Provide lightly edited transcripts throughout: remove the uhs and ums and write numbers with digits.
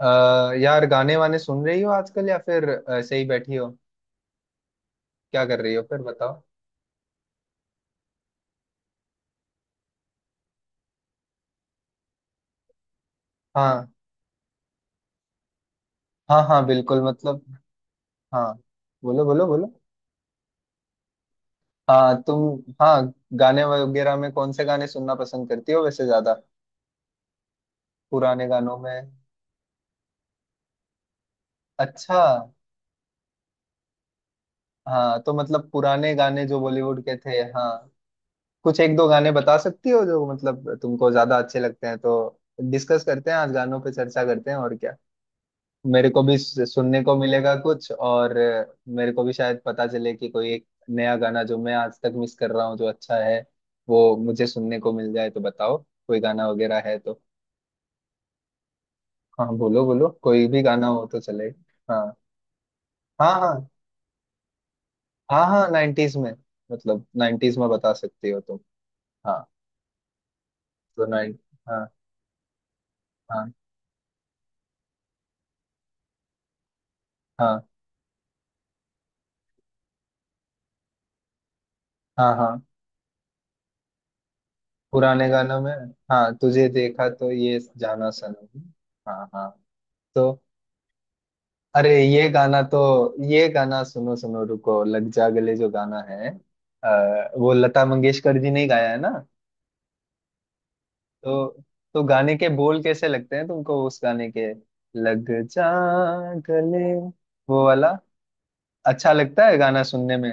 यार, गाने वाने सुन रही हो आजकल? या फिर ऐसे ही बैठी हो? क्या कर रही हो फिर बताओ। हाँ। हाँ, हाँ, बिल्कुल मतलब। हाँ, बोलो बोलो बोलो। हाँ, तुम। हाँ। गाने वगैरह में कौन से गाने सुनना पसंद करती हो वैसे ज्यादा? पुराने गानों में? अच्छा। हाँ, तो मतलब पुराने गाने जो बॉलीवुड के थे, हाँ। कुछ एक दो गाने बता सकती हो जो मतलब तुमको ज्यादा अच्छे लगते हैं, तो डिस्कस करते हैं। आज गानों पे चर्चा करते हैं और क्या। मेरे को भी सुनने को मिलेगा कुछ और। मेरे को भी शायद पता चले कि कोई एक नया गाना जो मैं आज तक मिस कर रहा हूँ जो अच्छा है, वो मुझे सुनने को मिल जाए तो बताओ। कोई गाना वगैरह है तो, हाँ, बोलो बोलो, कोई भी गाना हो तो चले। हाँ, हाँ। हाँ, हाँ, हाँ, नाइन्टीज में। मतलब नाइन्टीज में बता सकती हो तुम? हाँ। तो नाइन हाँ, हाँ, हाँ, हाँ, हाँ। पुराने गानों में। हाँ, तुझे देखा तो ये जाना सनम। हाँ, हाँ। तो अरे, ये गाना सुनो सुनो, रुको। लग जा गले जो गाना है, वो लता मंगेशकर जी ने ही गाया है ना? तो तो गाने के बोल कैसे लगते हैं तुमको उस गाने के? लग जा गले, वो वाला। अच्छा लगता है गाना सुनने में।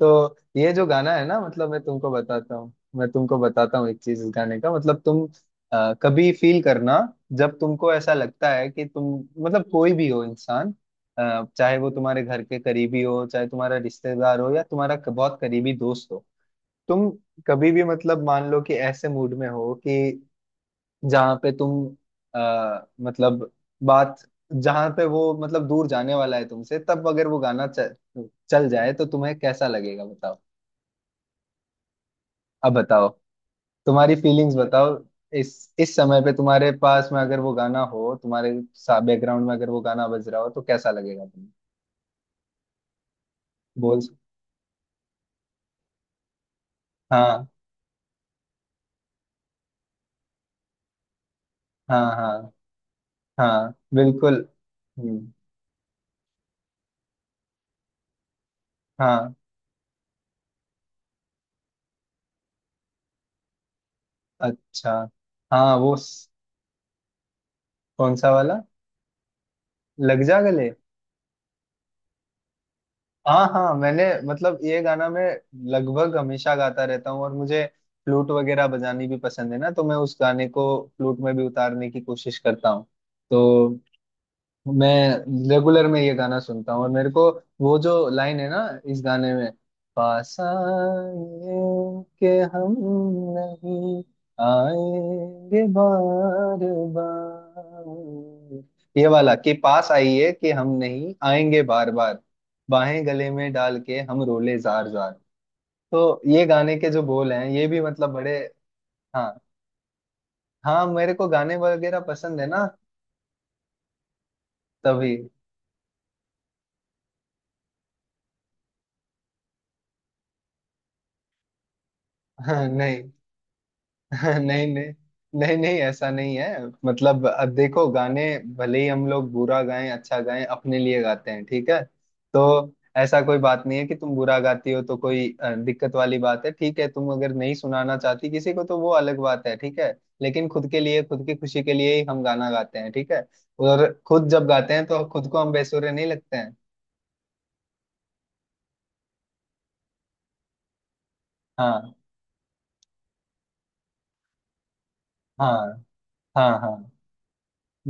तो ये जो गाना है ना, मतलब, मैं तुमको बताता हूँ एक चीज। इस गाने का मतलब तुम कभी फील करना। जब तुमको ऐसा लगता है कि तुम, मतलब, कोई भी हो इंसान, चाहे वो तुम्हारे घर के करीबी हो, चाहे तुम्हारा रिश्तेदार हो या तुम्हारा बहुत करीबी दोस्त हो। तुम कभी भी, मतलब, मान लो कि ऐसे मूड में हो कि जहाँ पे तुम मतलब बात, जहाँ पे वो मतलब दूर जाने वाला है तुमसे, तब अगर वो गाना चल जाए तो तुम्हें कैसा लगेगा बताओ। अब बताओ। तुम्हारी फीलिंग्स बताओ। इस इस समय पे तुम्हारे पास में अगर वो गाना हो, तुम्हारे बैकग्राउंड में अगर वो गाना बज रहा हो तो कैसा लगेगा तुम्हें? बोल। हाँ, हाँ। हाँ, हाँ, बिल्कुल। हम्म, हाँ। अच्छा। हाँ, वो कौन सा वाला? लग जा गले? हाँ, हाँ, मैंने मतलब ये गाना मैं लगभग हमेशा गाता रहता हूँ, और मुझे फ्लूट वगैरह बजानी भी पसंद है ना, तो मैं उस गाने को फ्लूट में भी उतारने की कोशिश करता हूँ। तो मैं रेगुलर में ये गाना सुनता हूँ, और मेरे को वो जो लाइन है ना इस गाने में, "पास आए के हम नहीं आएंगे बार बार", ये वाला कि "पास आइए कि हम नहीं आएंगे बार बार, बाहें गले में डाल के हम रोले जार जार", तो ये गाने के जो बोल हैं ये भी मतलब बड़े। हाँ, हाँ, मेरे को गाने वगैरह पसंद है ना, तभी। नहीं। नहीं, नहीं। नहीं, नहीं ऐसा नहीं है। मतलब, देखो, गाने भले ही हम लोग बुरा गाएं, अच्छा गाएं, अपने लिए गाते हैं, ठीक है। तो ऐसा कोई बात नहीं है कि तुम बुरा गाती हो तो कोई दिक्कत वाली बात है, ठीक है। तुम अगर नहीं सुनाना चाहती किसी को तो वो अलग बात है, ठीक है। लेकिन खुद के लिए, खुद की खुशी के लिए ही हम गाना गाते हैं, ठीक है। और खुद जब गाते हैं तो खुद को हम बेसुरे नहीं लगते हैं। हाँ, हाँ। हाँ, हाँ,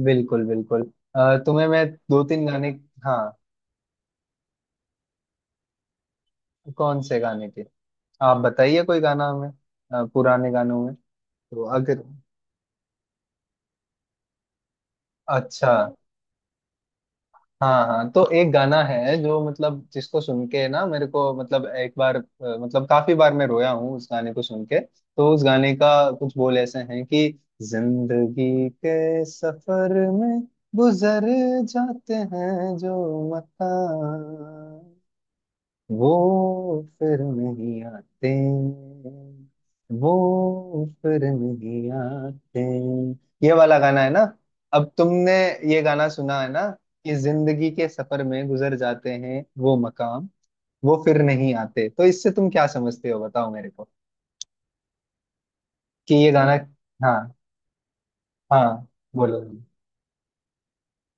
बिल्कुल, बिल्कुल। तुम्हें मैं दो तीन गाने। हाँ, कौन से गाने की? आप बताइए कोई गाना हमें। पुराने गानों में तो अगर, अच्छा। हाँ, हाँ, तो एक गाना है जो मतलब जिसको सुन के ना मेरे को, मतलब, एक बार, मतलब काफी बार मैं रोया हूँ उस गाने को सुन के, तो उस गाने का कुछ बोल ऐसे हैं कि "जिंदगी के सफर में गुजर जाते हैं जो मता वो फिर नहीं आते, वो फिर नहीं आते"। ये वाला गाना है ना। अब तुमने ये गाना सुना है ना कि "जिंदगी के सफर में गुजर जाते हैं वो मकाम, वो फिर नहीं आते"? तो इससे तुम क्या समझते हो बताओ मेरे को कि ये गाना। हाँ, हाँ, बोलो।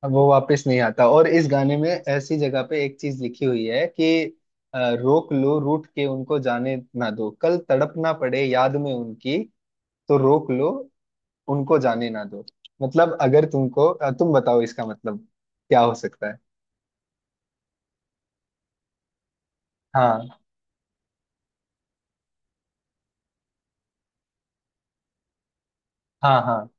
अब वो वापस नहीं आता, और इस गाने में ऐसी जगह पे एक चीज लिखी हुई है कि "रोक लो रूठ के उनको, जाने ना दो, कल तड़पना पड़े याद में उनकी"। तो रोक लो, उनको जाने ना दो, मतलब अगर तुमको तुम बताओ इसका मतलब क्या हो सकता है? हाँ, हाँ। हाँ,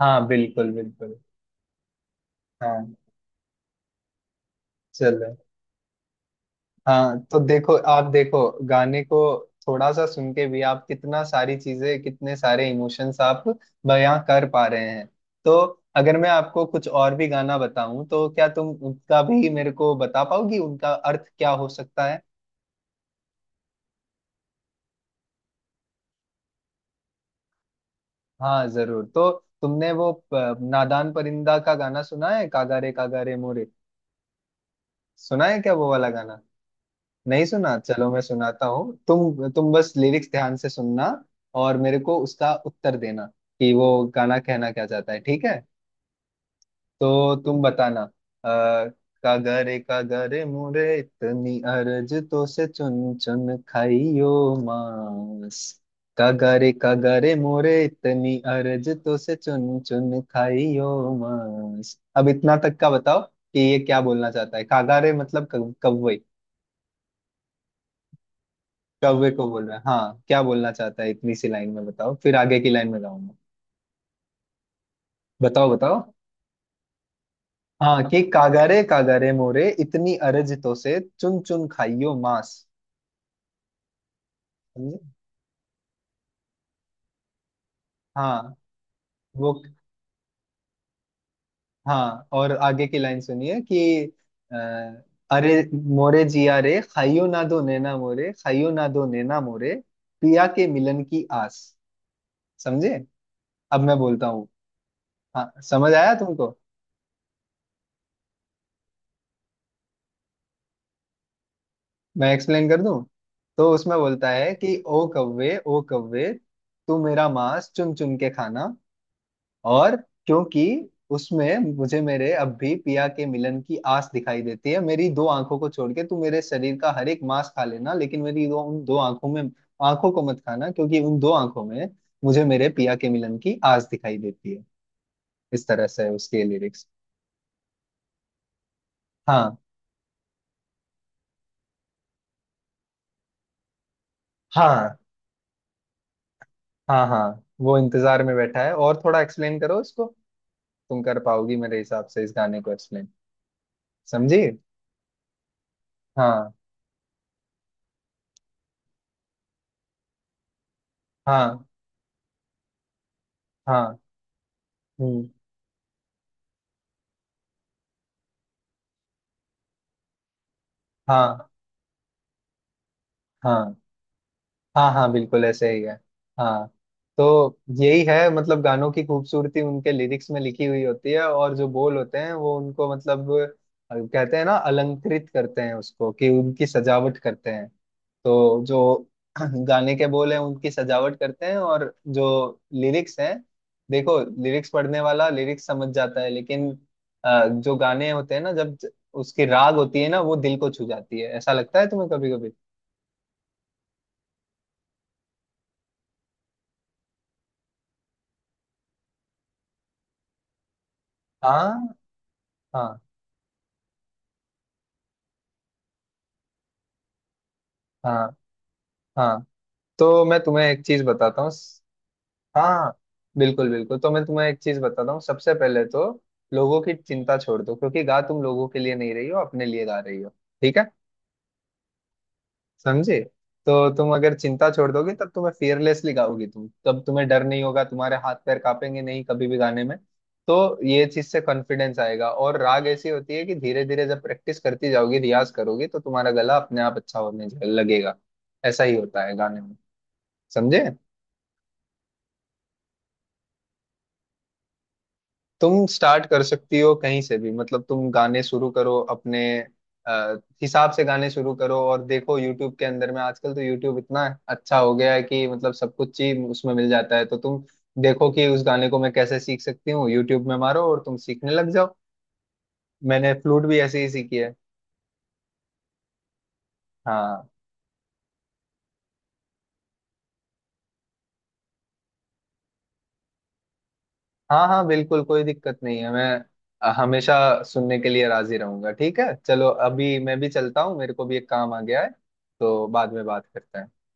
हाँ, बिल्कुल, बिल्कुल। हाँ, चलो। हाँ, तो देखो, आप देखो गाने को थोड़ा सा सुन के भी आप कितना सारी चीजें, कितने सारे इमोशंस आप बयां कर पा रहे हैं। तो अगर मैं आपको कुछ और भी गाना बताऊं तो क्या तुम उनका भी मेरे को बता पाओगी उनका अर्थ क्या हो सकता है? हाँ, जरूर। तो तुमने वो नादान परिंदा का गाना सुना है, "कागारे कागारे मोरे"? सुना है क्या वो वाला गाना? नहीं सुना? चलो, मैं सुनाता हूँ, तुम बस लिरिक्स ध्यान से सुनना और मेरे को उसका उत्तर देना कि वो गाना कहना क्या चाहता है, ठीक है। तो तुम बताना। अ, "कागरे कागरे मोरे, इतनी अर्ज तो से, चुन चुन खाइयो मांस"। "कागरे कागरे मोरे, इतनी अर्ज तो से, चुन चुन खाइयो मांस"। अब इतना तक का बताओ कि ये क्या बोलना चाहता है। कागारे मतलब कौवे। कौवे को बोल रहा है। हाँ, क्या बोलना चाहता है इतनी सी लाइन में बताओ, फिर आगे की लाइन में गाऊंगा। बताओ बताओ। हाँ कि "कागारे कागारे मोरे, इतनी अरज तो से, चुन चुन खाइयो मांस"। समझे? हाँ, वो। हाँ, और आगे की लाइन सुनिए कि अ, "अरे मोरे जिया रे, खाइयो ना दो नैना मोरे, खाइयो ना दो नैना मोरे, पिया के मिलन की आस"। समझे? अब मैं बोलता हूँ। हाँ, समझ आया तुमको? मैं एक्सप्लेन कर दूं तो उसमें बोलता है कि "ओ कव्वे, ओ कव्वे, तू मेरा मांस चुन चुन के खाना", और क्योंकि उसमें मुझे मेरे अब भी पिया के मिलन की आस दिखाई देती है, मेरी दो आंखों को छोड़ के तू मेरे शरीर का हर एक मांस खा लेना, लेकिन मेरी दो, उन दो आंखों में, आंखों को मत खाना, क्योंकि उन दो आंखों में मुझे मेरे पिया के मिलन की आस दिखाई देती है। इस तरह से है उसके लिरिक्स। हाँ, हाँ। हाँ, हाँ, वो इंतजार में बैठा है, और थोड़ा एक्सप्लेन करो इसको, तुम कर पाओगी मेरे हिसाब से इस गाने को एक्सप्लेन। समझी? हाँ, हाँ। हाँ, हम्म। हाँ, हाँ। हाँ, हाँ, बिल्कुल ऐसे ही है। हाँ। तो यही है, मतलब, गानों की खूबसूरती उनके लिरिक्स में लिखी हुई होती है, और जो बोल होते हैं वो उनको, मतलब, कहते हैं ना, अलंकृत करते हैं उसको कि उनकी सजावट करते हैं। तो जो गाने के बोल हैं उनकी सजावट करते हैं, और जो लिरिक्स हैं, देखो, लिरिक्स पढ़ने वाला लिरिक्स समझ जाता है, लेकिन जो गाने होते हैं ना, जब उसकी राग होती है ना, वो दिल को छू जाती है। ऐसा लगता है तुम्हें कभी कभी? हाँ, हाँ। हाँ, हाँ, तो मैं तुम्हें एक चीज बताता हूँ। हाँ, बिल्कुल, बिल्कुल, तो मैं तुम्हें एक चीज बताता हूँ। सबसे पहले तो लोगों की चिंता छोड़ दो, क्योंकि गा तुम लोगों के लिए नहीं रही हो, अपने लिए गा रही हो, ठीक है। समझे? तो तुम अगर चिंता छोड़ दोगे तब तुम्हें फियरलेसली गाओगी तुम, तब तुम्हें डर नहीं होगा, तुम्हारे हाथ पैर कांपेंगे नहीं कभी भी गाने में। तो ये चीज से कॉन्फिडेंस आएगा, और राग ऐसी होती है कि धीरे धीरे जब प्रैक्टिस करती जाओगी, रियाज करोगी, तो तुम्हारा गला अपने आप अच्छा होने लगेगा। ऐसा ही होता है गाने में। समझे? तुम स्टार्ट कर सकती हो कहीं से भी, मतलब तुम गाने शुरू करो अपने अ, हिसाब से गाने शुरू करो, और देखो, यूट्यूब के अंदर में आजकल तो यूट्यूब इतना अच्छा हो गया है कि मतलब सब कुछ ही उसमें मिल जाता है। तो तुम देखो कि उस गाने को मैं कैसे सीख सकती हूँ, यूट्यूब में मारो, और तुम सीखने लग जाओ। मैंने फ्लूट भी ऐसे ही सीखी है। हाँ, हाँ। हाँ, बिल्कुल, कोई दिक्कत नहीं है, मैं हमेशा सुनने के लिए राजी रहूंगा। ठीक है, चलो अभी मैं भी चलता हूँ, मेरे को भी एक काम आ गया है, तो बाद में बात करते हैं।